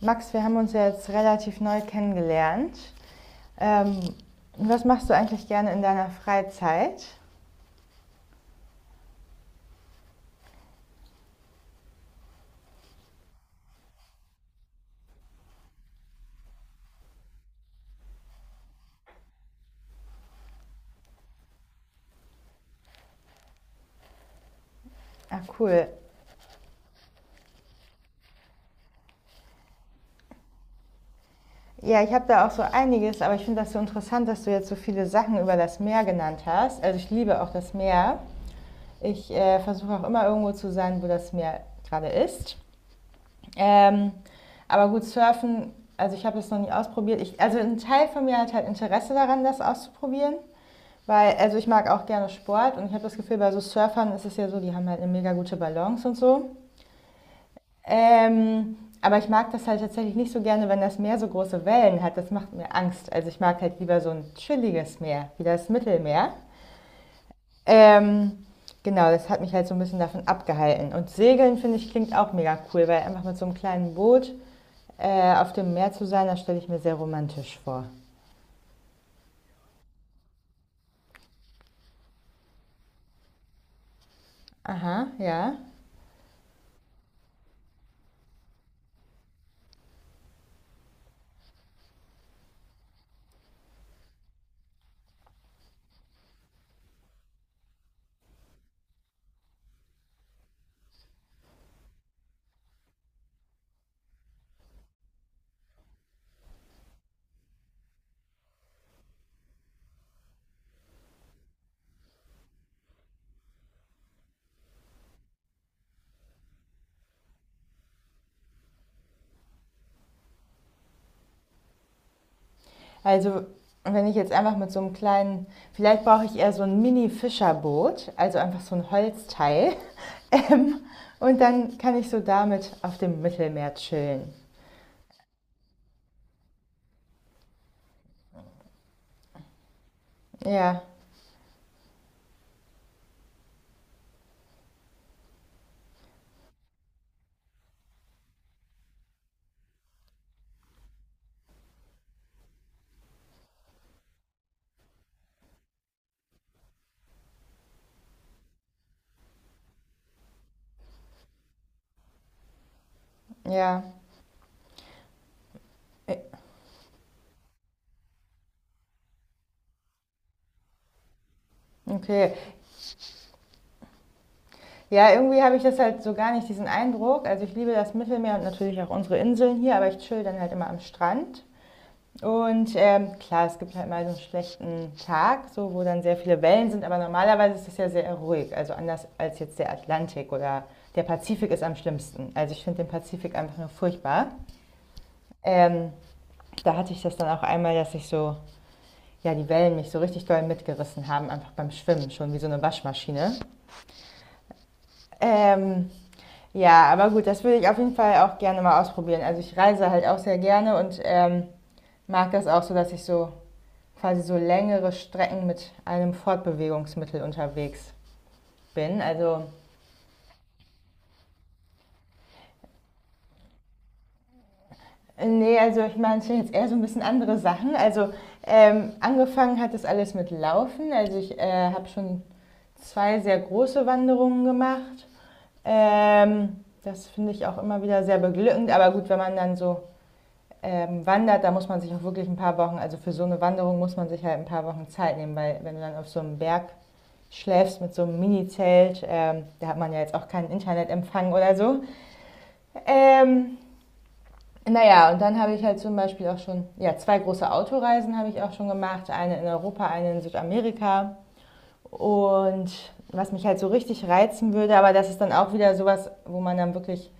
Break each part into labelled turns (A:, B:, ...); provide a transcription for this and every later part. A: Max, wir haben uns ja jetzt relativ neu kennengelernt. Ähm, was machst du eigentlich gerne in deiner Freizeit? Ach cool. Ja, ich habe da auch so einiges, aber ich finde das so interessant, dass du jetzt so viele Sachen über das Meer genannt hast. Also ich liebe auch das Meer. Ich versuche auch immer irgendwo zu sein, wo das Meer gerade ist. Ähm, aber gut, Surfen, also ich habe es noch nie ausprobiert. Also ein Teil von mir hat halt Interesse daran, das auszuprobieren. Weil, also ich mag auch gerne Sport und ich habe das Gefühl, bei so Surfern ist es ja so, die haben halt eine mega gute Balance und so. Ähm, aber ich mag das halt tatsächlich nicht so gerne, wenn das Meer so große Wellen hat. Das macht mir Angst. Also ich mag halt lieber so ein chilliges Meer, wie das Mittelmeer. Ähm, genau, das hat mich halt so ein bisschen davon abgehalten. Und Segeln, finde ich, klingt auch mega cool, weil einfach mit so einem kleinen Boot auf dem Meer zu sein, das stelle ich mir sehr romantisch vor. Aha, ja. Also wenn ich jetzt einfach mit so einem kleinen, vielleicht brauche ich eher so ein Mini-Fischerboot, also einfach so ein Holzteil. Und dann kann ich so damit auf dem Mittelmeer chillen. Ja, ja. Äh, Okay. Ja, irgendwie habe ich das halt so gar nicht, diesen Eindruck. Also ich liebe das Mittelmeer und natürlich auch unsere Inseln hier, aber ich chill dann halt immer am Strand. Und klar, es gibt halt mal so einen schlechten Tag, so, wo dann sehr viele Wellen sind, aber normalerweise ist es ja sehr ruhig. Also anders als jetzt der Atlantik oder der Pazifik ist am schlimmsten. Also ich finde den Pazifik einfach nur furchtbar. Ähm, da hatte ich das dann auch einmal, dass ich so, ja, die Wellen mich so richtig doll mitgerissen haben, einfach beim Schwimmen, schon wie so eine Waschmaschine. Ähm, ja, aber gut, das würde ich auf jeden Fall auch gerne mal ausprobieren. Also ich reise halt auch sehr gerne und mag das auch so, dass ich so quasi so längere Strecken mit einem Fortbewegungsmittel unterwegs bin. Also nee, also ich meine es sind jetzt eher so ein bisschen andere Sachen. Also angefangen hat das alles mit Laufen. Also ich habe schon zwei sehr große Wanderungen gemacht. Das finde ich auch immer wieder sehr beglückend. Aber gut, wenn man dann so wandert, da muss man sich auch wirklich ein paar Wochen, also für so eine Wanderung muss man sich halt ein paar Wochen Zeit nehmen, weil wenn du dann auf so einem Berg schläfst mit so einem Mini-Zelt. Da hat man ja jetzt auch keinen Internetempfang oder so. Ähm, naja, und dann habe ich halt zum Beispiel auch schon, ja, zwei große Autoreisen habe ich auch schon gemacht. Eine in Europa, eine in Südamerika. Und was mich halt so richtig reizen würde, aber das ist dann auch wieder sowas, wo man dann wirklich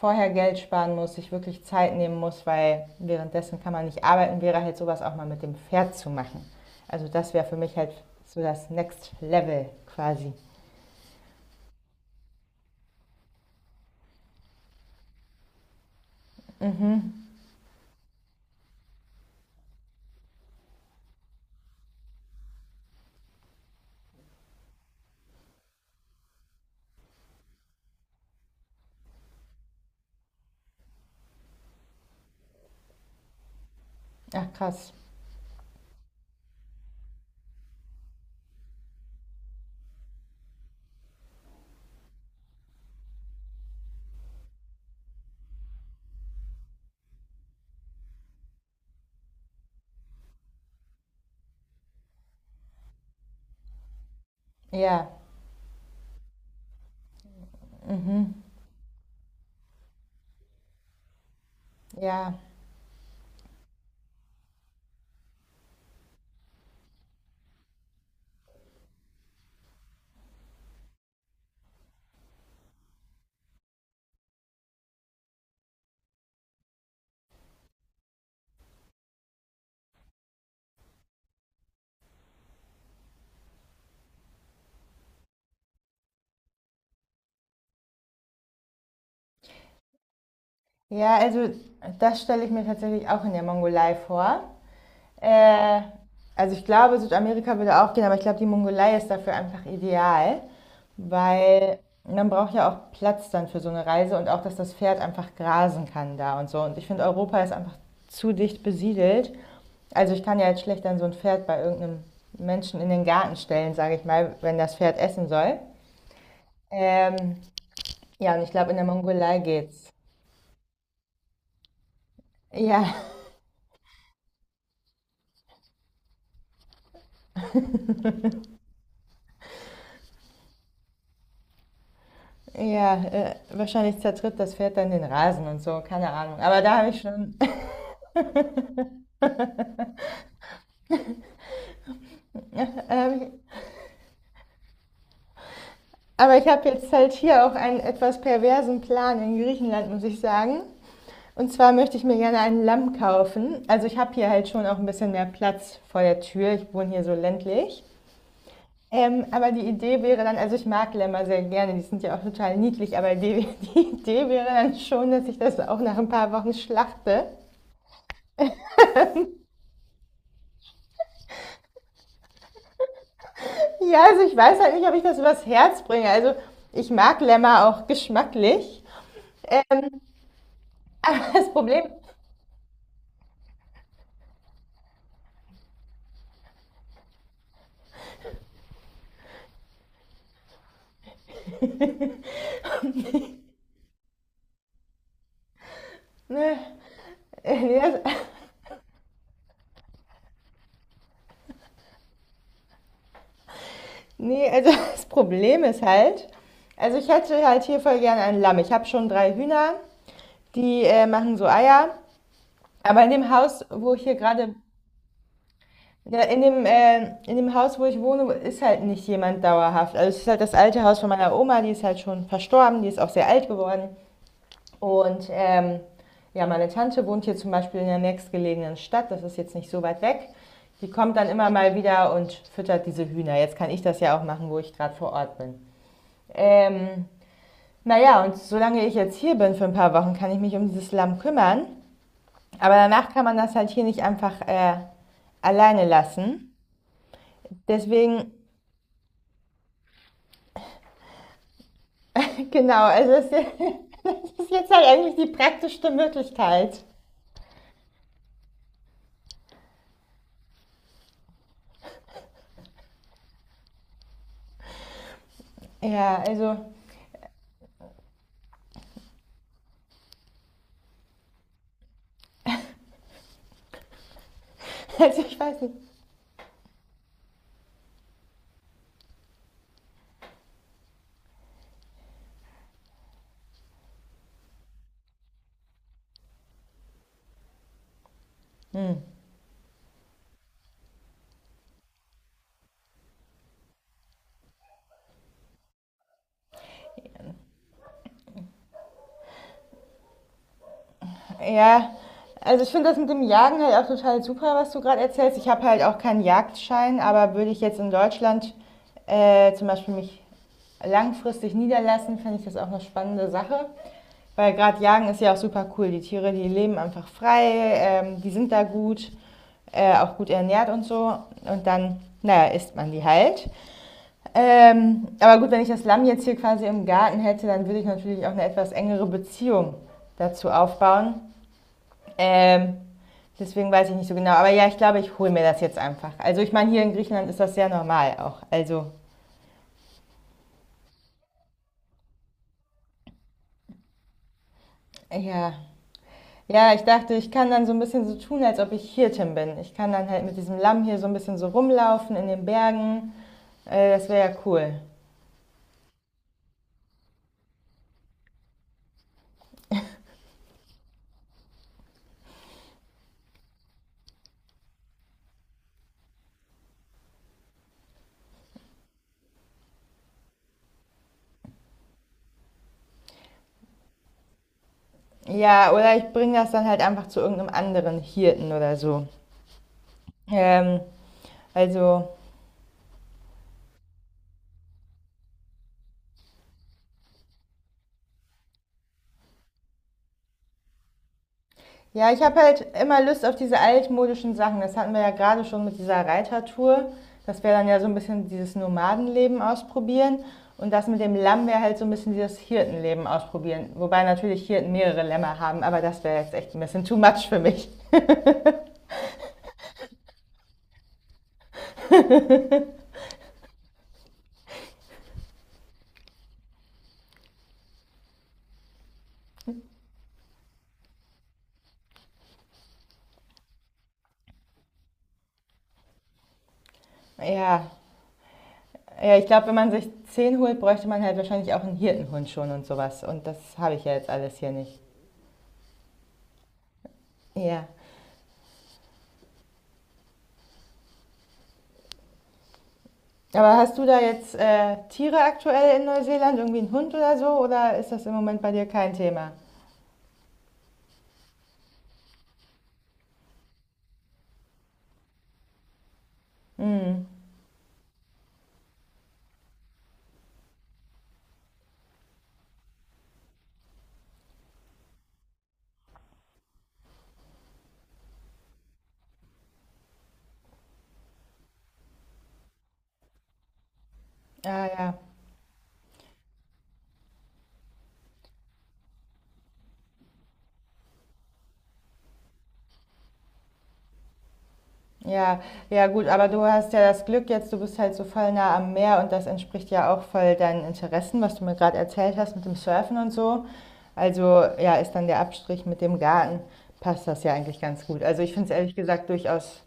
A: vorher Geld sparen muss, sich wirklich Zeit nehmen muss, weil währenddessen kann man nicht arbeiten, wäre halt sowas auch mal mit dem Pferd zu machen. Also das wäre für mich halt so das Next Level quasi. Ach krass, ja, ja. Ja, also das stelle ich mir tatsächlich auch in der Mongolei vor. Äh, also ich glaube, Südamerika würde auch gehen, aber ich glaube, die Mongolei ist dafür einfach ideal, weil man braucht ja auch Platz dann für so eine Reise und auch, dass das Pferd einfach grasen kann da und so. Und ich finde, Europa ist einfach zu dicht besiedelt. Also ich kann ja jetzt schlecht dann so ein Pferd bei irgendeinem Menschen in den Garten stellen, sage ich mal, wenn das Pferd essen soll. Ähm, ja, und ich glaube, in der Mongolei geht's. Ja, ja, wahrscheinlich zertritt das Pferd dann den Rasen und so, keine Ahnung. Aber da habe ich schon. Ähm, aber ich habe jetzt halt hier auch einen etwas perversen Plan in Griechenland, muss ich sagen. Und zwar möchte ich mir gerne ein Lamm kaufen. Also ich habe hier halt schon auch ein bisschen mehr Platz vor der Tür. Ich wohne hier so ländlich. Aber die Idee wäre dann, also ich mag Lämmer sehr gerne, die sind ja auch total niedlich, aber die, die Idee wäre dann schon, dass ich das auch nach ein paar Wochen schlachte. Ja, also ich weiß halt nicht, ob ich das übers Herz bringe. Also ich mag Lämmer auch geschmacklich. Ähm, aber das Problem, ne, nee, das, nee, also das Problem ist halt, also ich hätte halt hier voll gerne ein Lamm. Ich habe schon drei Hühner, die machen so Eier. Aber in dem Haus, wo ich hier gerade, ja, in dem Haus, wo ich wohne, ist halt nicht jemand dauerhaft. Also es ist halt das alte Haus von meiner Oma, die ist halt schon verstorben, die ist auch sehr alt geworden. Und ja, meine Tante wohnt hier zum Beispiel in der nächstgelegenen Stadt, das ist jetzt nicht so weit weg. Die kommt dann immer mal wieder und füttert diese Hühner. Jetzt kann ich das ja auch machen, wo ich gerade vor Ort bin. Ähm, naja, und solange ich jetzt hier bin für ein paar Wochen, kann ich mich um dieses Lamm kümmern. Aber danach kann man das halt hier nicht einfach alleine lassen. Deswegen, genau, also es das ist jetzt halt eigentlich die praktischste Möglichkeit. Ja, also, also ich weiß nicht. Ja, also ich finde das mit dem Jagen halt auch total super, was du gerade erzählst. Ich habe halt auch keinen Jagdschein, aber würde ich jetzt in Deutschland zum Beispiel mich langfristig niederlassen, fände ich das auch eine spannende Sache. Weil gerade Jagen ist ja auch super cool. Die Tiere, die leben einfach frei, die sind da gut, auch gut ernährt und so. Und dann, naja, isst man die halt. Aber gut, wenn ich das Lamm jetzt hier quasi im Garten hätte, dann würde ich natürlich auch eine etwas engere Beziehung dazu aufbauen. Ähm, deswegen weiß ich nicht so genau. Aber ja, ich glaube, ich hole mir das jetzt einfach. Also ich meine, hier in Griechenland ist das sehr normal auch. Also ja. Ja, ich dachte, ich kann dann so ein bisschen so tun, als ob ich Hirtin bin. Ich kann dann halt mit diesem Lamm hier so ein bisschen so rumlaufen in den Bergen. Das wäre ja cool. Ja, oder ich bringe das dann halt einfach zu irgendeinem anderen Hirten oder so. Ähm, also ja, ich habe halt immer Lust auf diese altmodischen Sachen. Das hatten wir ja gerade schon mit dieser Reitertour. Das wäre dann ja so ein bisschen dieses Nomadenleben ausprobieren. Und das mit dem Lamm wäre halt so ein bisschen dieses Hirtenleben ausprobieren. Wobei natürlich Hirten mehrere Lämmer haben, aber das wäre jetzt echt ein bisschen too much für mich. Ja, ja ich glaube, wenn man sich zehn holt, bräuchte man halt wahrscheinlich auch einen Hirtenhund schon und sowas. Und das habe ich ja jetzt alles hier nicht. Ja. Aber hast du da jetzt Tiere aktuell in Neuseeland? Irgendwie einen Hund oder so? Oder ist das im Moment bei dir kein Thema? Mhm. Ja, ja. Ja, ja gut, aber du hast ja das Glück jetzt, du bist halt so voll nah am Meer und das entspricht ja auch voll deinen Interessen, was du mir gerade erzählt hast mit dem Surfen und so. Also ja, ist dann der Abstrich mit dem Garten, passt das ja eigentlich ganz gut. Also ich finde es ehrlich gesagt durchaus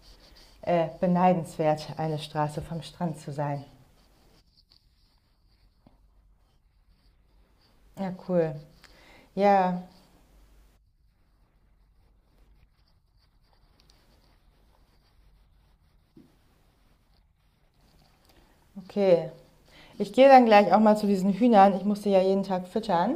A: beneidenswert, eine Straße vom Strand zu sein. Ja, cool. Ja, okay. Ich gehe dann gleich auch mal zu diesen Hühnern. Ich muss sie ja jeden Tag füttern.